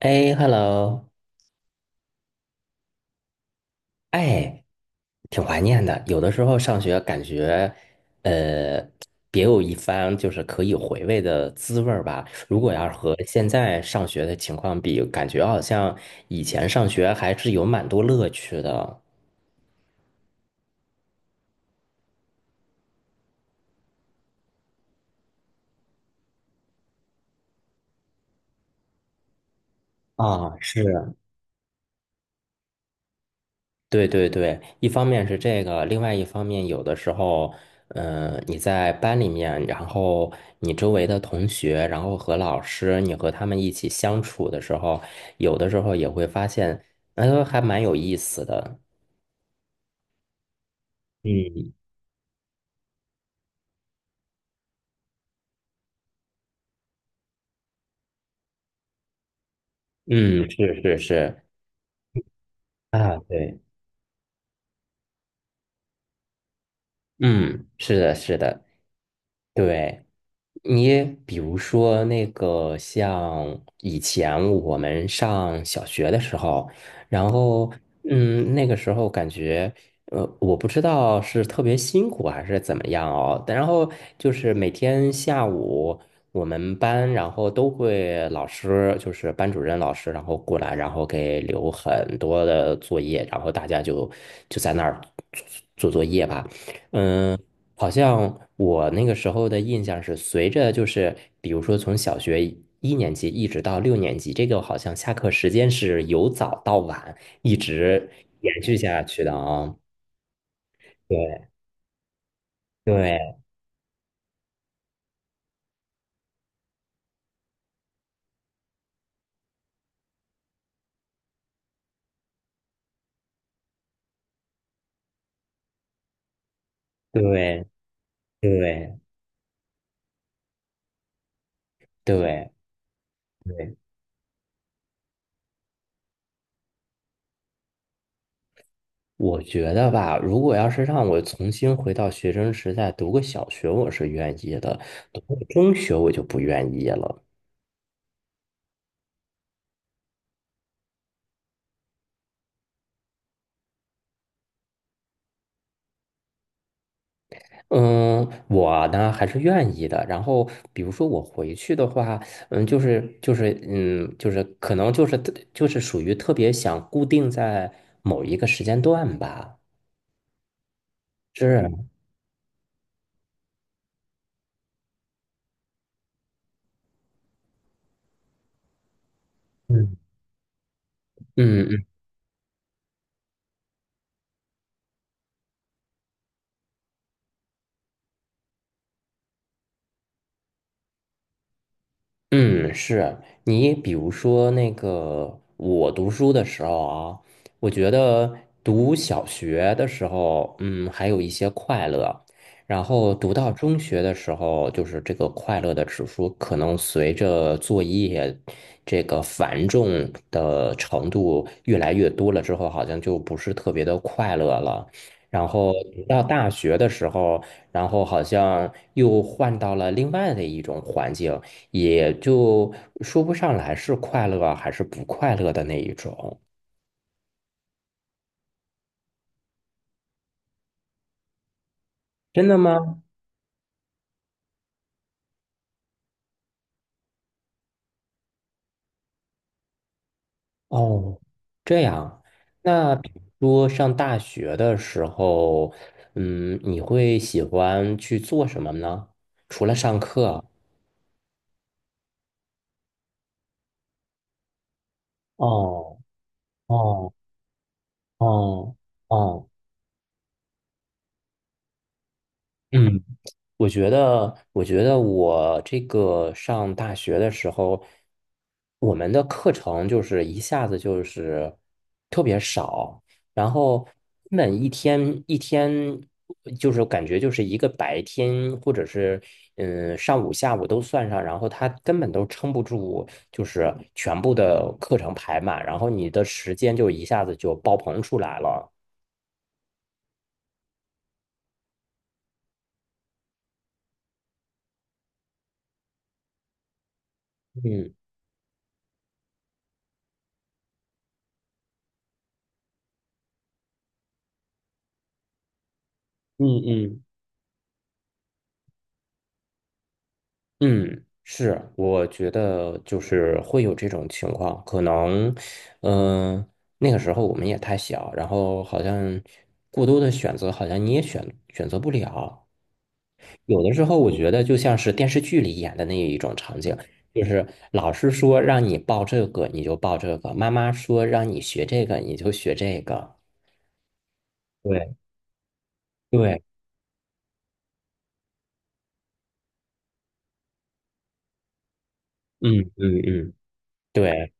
哎，hello。哎，挺怀念的。有的时候上学感觉，呃，别有一番就是可以回味的滋味儿吧。如果要是和现在上学的情况比，感觉好像以前上学还是有蛮多乐趣的。啊，是。对对对，一方面是这个，另外一方面，有的时候，你在班里面，然后你周围的同学，然后和老师，你和他们一起相处的时候，有的时候也会发现，还蛮有意思的。嗯嗯，是是是，啊，对，嗯，是的，是的。对，你比如说那个像以前我们上小学的时候，然后那个时候感觉我不知道是特别辛苦还是怎么样哦。但然后就是每天下午，我们班然后都会老师就是班主任老师，然后过来，然后给留很多的作业，然后大家就在那儿做做作业吧。嗯。好像我那个时候的印象是，随着就是，比如说从小学1年级一直到6年级，这个好像下课时间是由早到晚一直延续下去的啊。对对对对对，对，我觉得吧，如果要是让我重新回到学生时代读个小学，我是愿意的；读个中学，我就不愿意了。嗯，我呢还是愿意的。然后，比如说我回去的话，就是就是可能就是特就是属于特别想固定在某一个时间段吧。是，嗯，嗯嗯嗯，是。你比如说那个，我读书的时候啊，我觉得读小学的时候，还有一些快乐，然后读到中学的时候，就是这个快乐的指数可能随着作业这个繁重的程度越来越多了之后，好像就不是特别的快乐了。然后读到大学的时候，然后好像又换到了另外的一种环境。也就说不上来是快乐还是不快乐的那一种。真的吗？哦，这样。那比如说上大学的时候，你会喜欢去做什么呢？除了上课。哦哦哦哦，嗯。我觉得，我这个上大学的时候，我们的课程就是一下子就是特别少，然后根本一天一天就是感觉就是一个白天或者是上午下午都算上，然后他根本都撑不住，就是全部的课程排满，然后你的时间就一下子就爆棚出来了。嗯嗯嗯，是，我觉得就是会有这种情况，可能，嗯、那个时候我们也太小，然后好像过多的选择，好像你也选择不了。有的时候我觉得就像是电视剧里演的那一种场景，就是老师说让你报这个，你就报这个；妈妈说让你学这个，你就学这个。对对，嗯嗯嗯，对，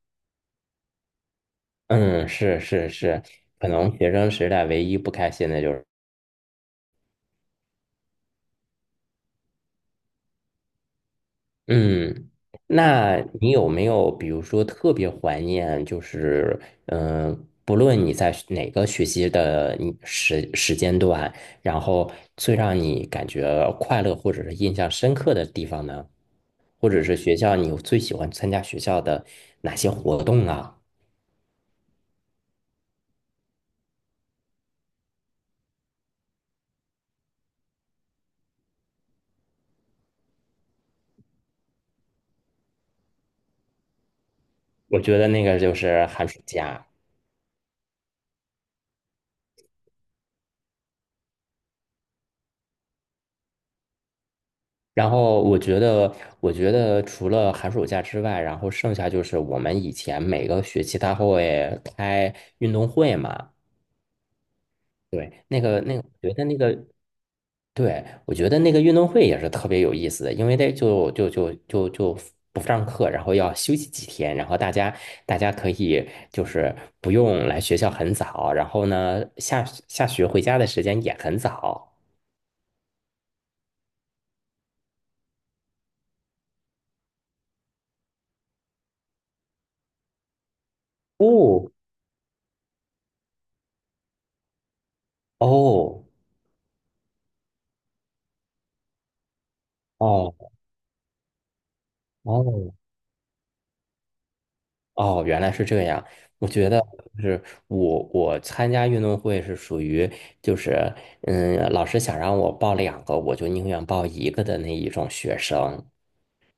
嗯，是是是，可能学生时代唯一不开心的就是。嗯，那你有没有比如说特别怀念，就是嗯、呃不论你在学哪个学习的你时间段，然后最让你感觉快乐或者是印象深刻的地方呢？或者是学校你最喜欢参加学校的哪些活动啊？我觉得那个就是寒暑假。然后我觉得，除了寒暑假之外，然后剩下就是我们以前每个学期他会开运动会嘛，对，那个，我觉得那个，对，我觉得那个运动会也是特别有意思的，因为那就不上课，然后要休息几天，然后大家可以就是不用来学校很早，然后呢下学回家的时间也很早。哦哦哦哦。哦，原来是这样。我觉得就是我参加运动会是属于就是，老师想让我报两个，我就宁愿报一个的那一种学生。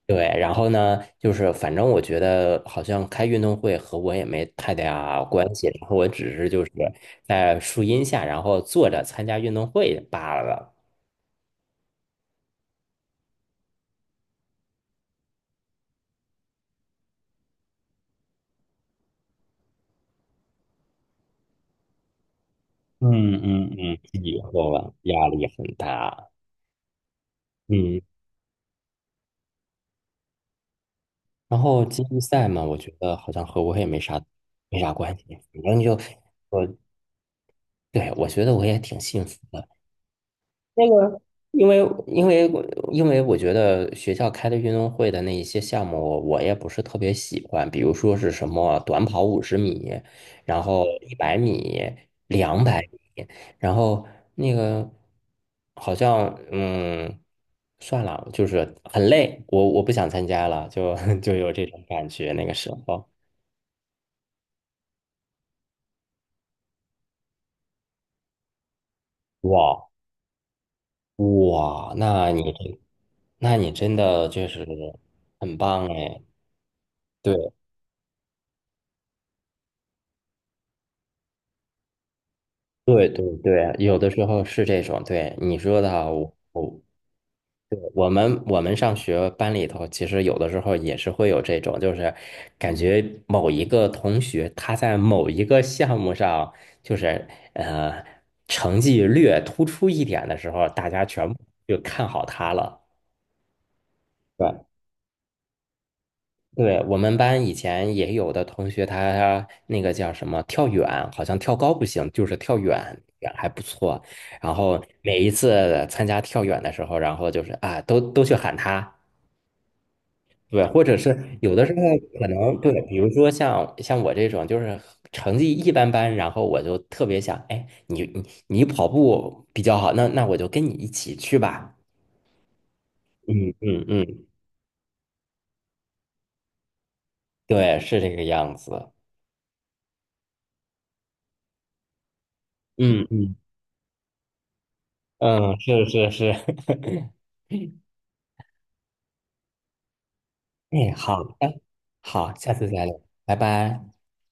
对，然后呢，就是反正我觉得好像开运动会和我也没太大关系，然后我只是就是在树荫下，然后坐着参加运动会罢了。嗯嗯嗯，以后啊，压力很大。嗯。然后接力赛嘛，我觉得好像和我也没啥关系，反正就。我，对，我觉得我也挺幸福的。那个，因为因为我因为我觉得学校开的运动会的那一些项目，我也不是特别喜欢，比如说是什么短跑50米，然后100米、200米，然后那个好像。算了，就是很累，我不想参加了，就 就有这种感觉。那个时候，哇哇，那你真的就是很棒哎！对对对对，有的时候是这种，对你说的哈，我，对，我们上学班里头，其实有的时候也是会有这种，就是感觉某一个同学他在某一个项目上，就是呃成绩略突出一点的时候，大家全部就看好他了。对对，我们班以前也有的同学，他那个叫什么跳远，好像跳高不行，就是跳远远还不错。然后每一次参加跳远的时候，然后就是啊，都去喊他，对，或者是有的时候可能对，比如说像我这种就是成绩一般般，然后我就特别想，哎，你跑步比较好，那我就跟你一起去吧。嗯嗯嗯，对，是这个样子。嗯嗯嗯，是是是，哎，好的，好，下次再聊，拜拜。